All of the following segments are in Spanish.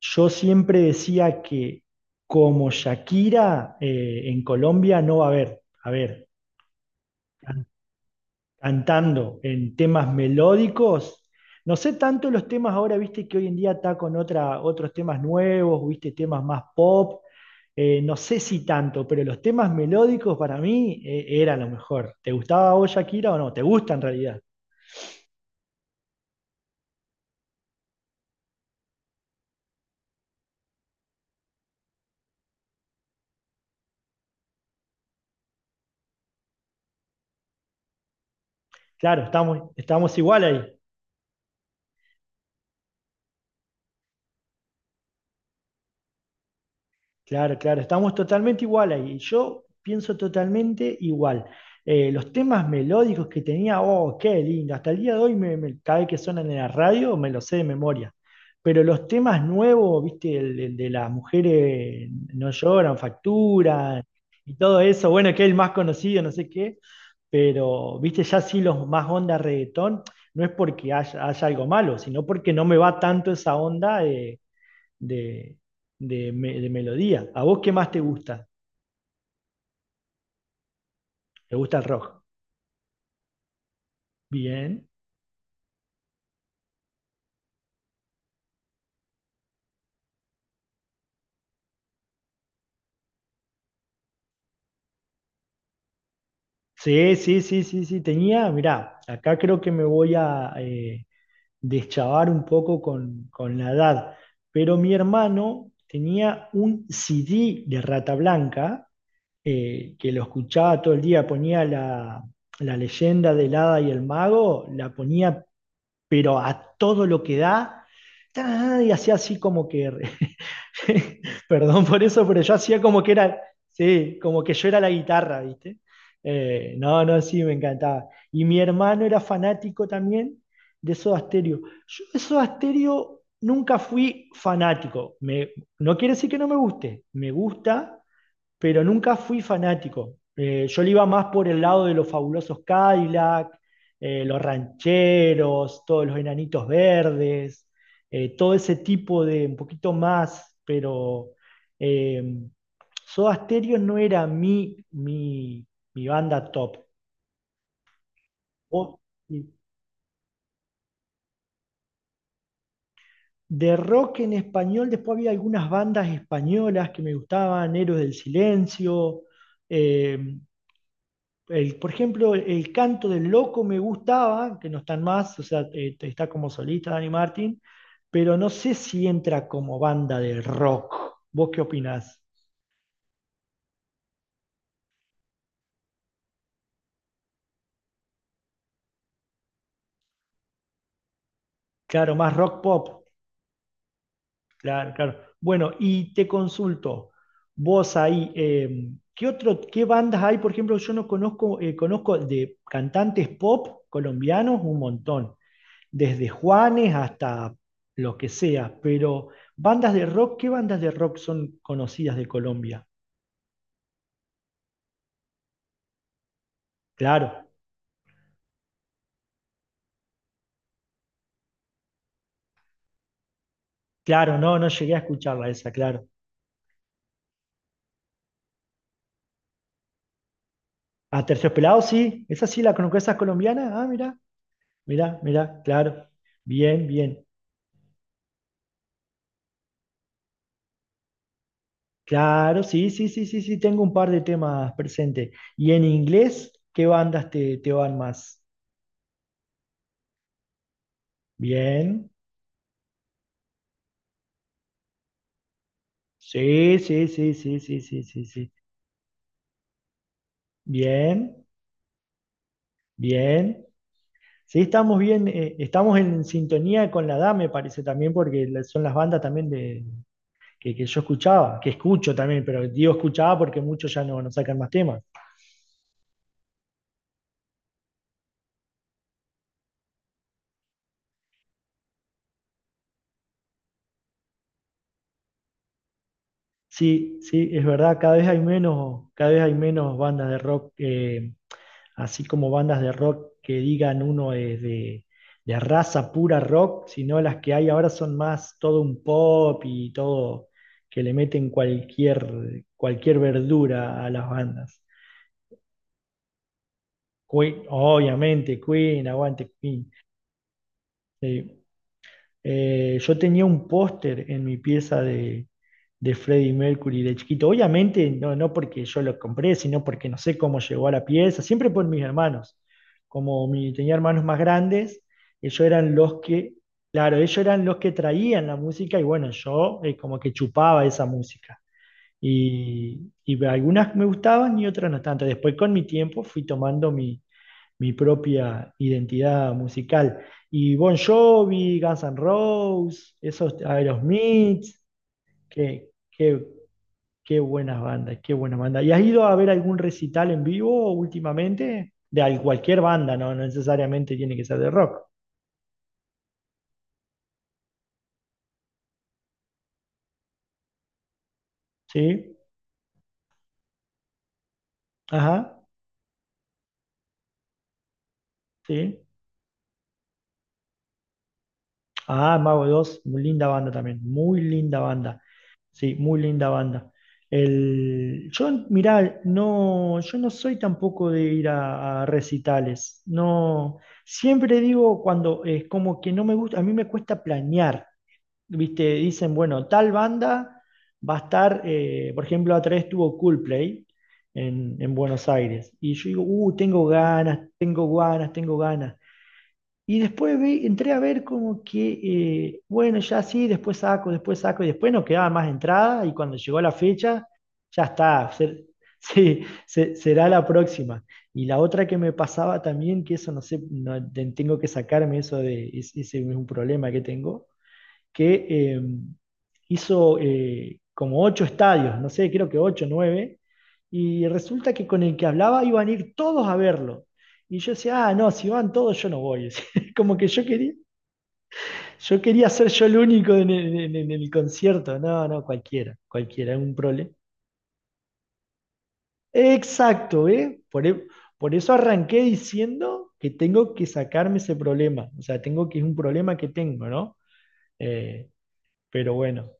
Yo siempre decía que como Shakira en Colombia no va a haber, a ver, can- cantando en temas melódicos, no sé tanto los temas ahora, viste que hoy en día está con otra, otros temas nuevos, viste temas más pop, no sé si tanto, pero los temas melódicos para mí era lo mejor. ¿Te gustaba a vos Shakira o no? ¿Te gusta en realidad? Claro, estamos igual ahí. Claro, claro, estamos totalmente igual ahí. Yo pienso totalmente igual. Los temas melódicos que tenía, oh, qué lindo. Hasta el día de hoy, cada vez que suenan en la radio, me los sé de memoria. Pero los temas nuevos, viste, el de las mujeres no lloran, facturan y todo eso, bueno, que es el más conocido, no sé qué, pero, viste, ya sí los más onda reggaetón, no es porque haya algo malo, sino porque no me va tanto esa onda. De, de melodía. ¿A vos qué más te gusta? ¿Te gusta el rock? Bien. Sí, sí, sí, sí, sí. Tenía, mirá, acá creo que me voy a deschavar un poco con la edad, pero mi hermano tenía un CD de Rata Blanca que lo escuchaba todo el día, ponía la, la leyenda del hada y el mago, la ponía pero a todo lo que da, ta, y hacía así como que Perdón por eso, pero yo hacía como que era, sí, como que yo era la guitarra, ¿viste? No, no, sí, me encantaba. Y mi hermano era fanático también de Soda Stereo. Yo de Soda Stereo nunca fui fanático. No quiere decir que no me guste, me gusta, pero nunca fui fanático. Yo le iba más por el lado de los fabulosos Cadillac, los rancheros, todos los enanitos verdes, todo ese tipo de un poquito más, pero eh, Soda Stereo no era mi banda top. O- de rock en español, después había algunas bandas españolas que me gustaban, Héroes del Silencio, eh, por ejemplo, el canto del loco me gustaba, que no están más, o sea, está como solista Dani Martín, pero no sé si entra como banda de rock. ¿Vos qué opinás? Claro, más rock pop. Claro, claro. Bueno, y te consulto, vos ahí, ¿qué otro, qué bandas hay? Por ejemplo, yo no conozco, conozco de cantantes pop colombianos un montón. Desde Juanes hasta lo que sea, pero bandas de rock, ¿qué bandas de rock son conocidas de Colombia? Claro, claro, no, no llegué a escucharla esa, claro. A Terciopelado sí, esa sí la conozco, esa es colombiana, ah, mirá, mirá, mirá, claro, bien, bien, claro, sí, sí, sí, sí, sí, tengo un par de temas presentes. ¿Y en inglés, qué bandas te van más? Bien, sí, sí, sí, sí, sí, sí, sí, sí, bien, bien. Sí, estamos bien, estamos en sintonía con la edad, me parece también, porque son las bandas también de, que yo escuchaba, que escucho también, pero digo escuchaba porque muchos ya no, no sacan más temas. Sí, sí, es verdad, cada vez hay menos, cada vez hay menos bandas de rock, así como bandas de rock que digan uno es de raza pura rock, sino las que hay ahora son más todo un pop y todo que le meten cualquier, cualquier verdura a las bandas. Queen, obviamente, Queen, aguante Queen. Sí. Yo tenía un póster en mi pieza de Freddie Mercury de chiquito. Obviamente, no, no porque yo lo compré, sino porque no sé cómo llegó a la pieza, siempre por mis hermanos. Como mi, tenía hermanos más grandes, ellos eran los que, claro, ellos eran los que traían la música y bueno, yo como que chupaba esa música. Y algunas me gustaban y otras no tanto. Después con mi tiempo fui tomando mi, mi propia identidad musical. Y Bon Jovi, Guns N' Roses, esos Aerosmith, qué, qué, qué buenas bandas, qué buenas bandas. ¿Y has ido a ver algún recital en vivo últimamente? Cualquier banda, no, no necesariamente tiene que ser de rock. ¿Sí? Ajá, sí. Ah, Mago 2, muy linda banda también, muy linda banda. Sí, muy linda banda. El, yo, mirá, no, yo no soy tampoco de ir a recitales. No, siempre digo cuando es como que no me gusta, a mí me cuesta planear. ¿Viste? Dicen, bueno, tal banda va a estar, por ejemplo, a través tuvo Coldplay en Buenos Aires. Y yo digo, tengo ganas, tengo ganas, tengo ganas. Y después entré a ver como que, bueno, ya sí, después saco, y después no quedaba más entrada, y cuando llegó la fecha, ya está, sí, será la próxima. Y la otra que me pasaba también, que eso no sé, tengo que sacarme eso de, ese es un problema que tengo, que eh, hizo como 8 estadios, no sé, creo que 8, 9, y resulta que con el que hablaba iban a ir todos a verlo. Y yo decía, ah, no, si van todos, yo no voy. Como que yo quería ser yo el único en en el concierto. No, no, cualquiera, cualquiera, es un problema. Exacto, ¿eh? Por eso arranqué diciendo que tengo que sacarme ese problema. O sea, tengo que es un problema que tengo, ¿no? Eh, pero bueno,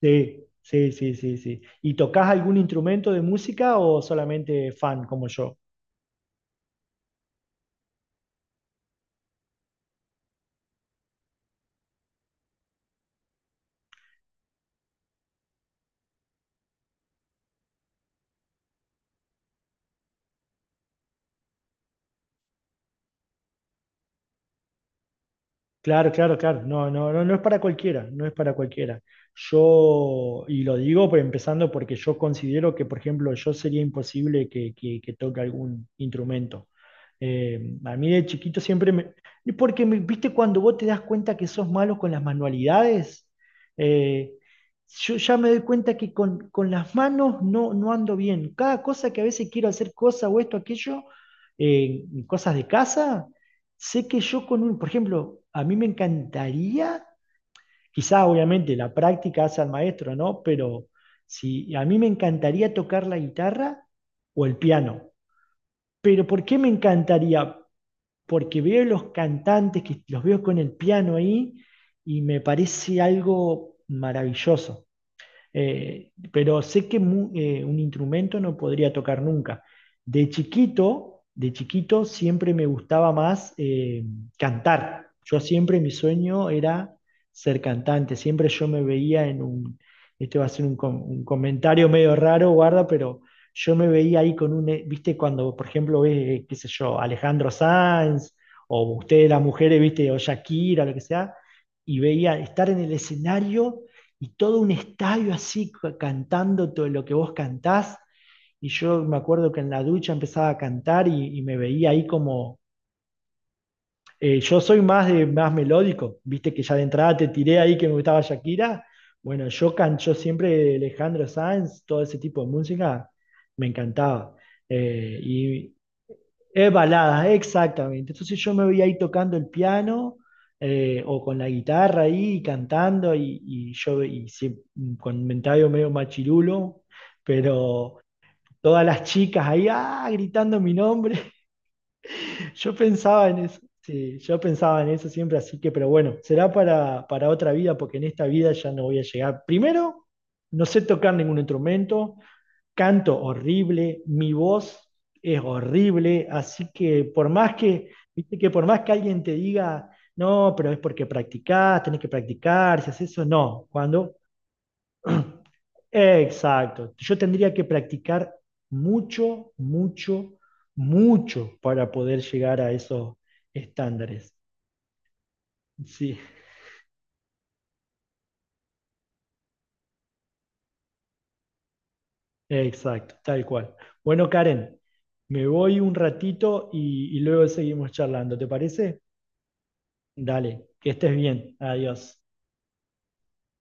sí, sí, sí, sí, sí. ¿Y tocas algún instrumento de música o solamente fan como yo? Claro, claro, claro. No, no, no, no es para cualquiera, no es para cualquiera. Yo, y lo digo empezando porque yo considero que, por ejemplo, yo sería imposible que, que toque algún instrumento. A mí de chiquito siempre me... Porque, viste, cuando vos te das cuenta que sos malo con las manualidades, eh, yo ya me doy cuenta que con las manos no, no ando bien. Cada cosa que a veces quiero hacer, cosa o esto, aquello, cosas de casa sé que yo con un, por ejemplo, a mí me encantaría, quizá obviamente la práctica hace al maestro, ¿no? Pero si a mí me encantaría tocar la guitarra o el piano. Pero ¿por qué me encantaría? Porque veo los cantantes que los veo con el piano ahí y me parece algo maravilloso. Pero sé que un instrumento no podría tocar nunca. De chiquito siempre me gustaba más cantar. Yo siempre mi sueño era ser cantante. Siempre yo me veía en un, este va a ser un, un comentario medio raro, guarda, pero yo me veía ahí con un, viste, cuando por ejemplo ves, qué sé yo, Alejandro Sanz o ustedes las mujeres, viste, o Shakira, lo que sea, y veía estar en el escenario y todo un estadio así cantando todo lo que vos cantás. Y yo me acuerdo que en la ducha empezaba a cantar y me veía ahí como, yo soy más, de, más melódico, viste que ya de entrada te tiré ahí que me gustaba Shakira. Bueno, yo can yo siempre Alejandro Sanz, todo ese tipo de música, me encantaba. Eh, y, es balada, exactamente. Entonces yo me veía ahí tocando el piano o con la guitarra ahí y cantando y yo y con mentario medio machirulo, pero todas las chicas ahí ah, gritando mi nombre yo pensaba en eso, sí, yo pensaba en eso siempre, así que, pero bueno, será para otra vida, porque en esta vida ya no voy a llegar. Primero, no sé tocar ningún instrumento, canto horrible, mi voz es horrible, así que por más que, viste que por más que alguien te diga, no, pero es porque practicás, tenés que practicar, si haces eso, no. Cuando exacto. Yo tendría que practicar mucho, mucho, mucho para poder llegar a esos estándares. Sí, exacto, tal cual. Bueno, Karen, me voy un ratito y luego seguimos charlando, ¿te parece? Dale, que estés bien. Adiós.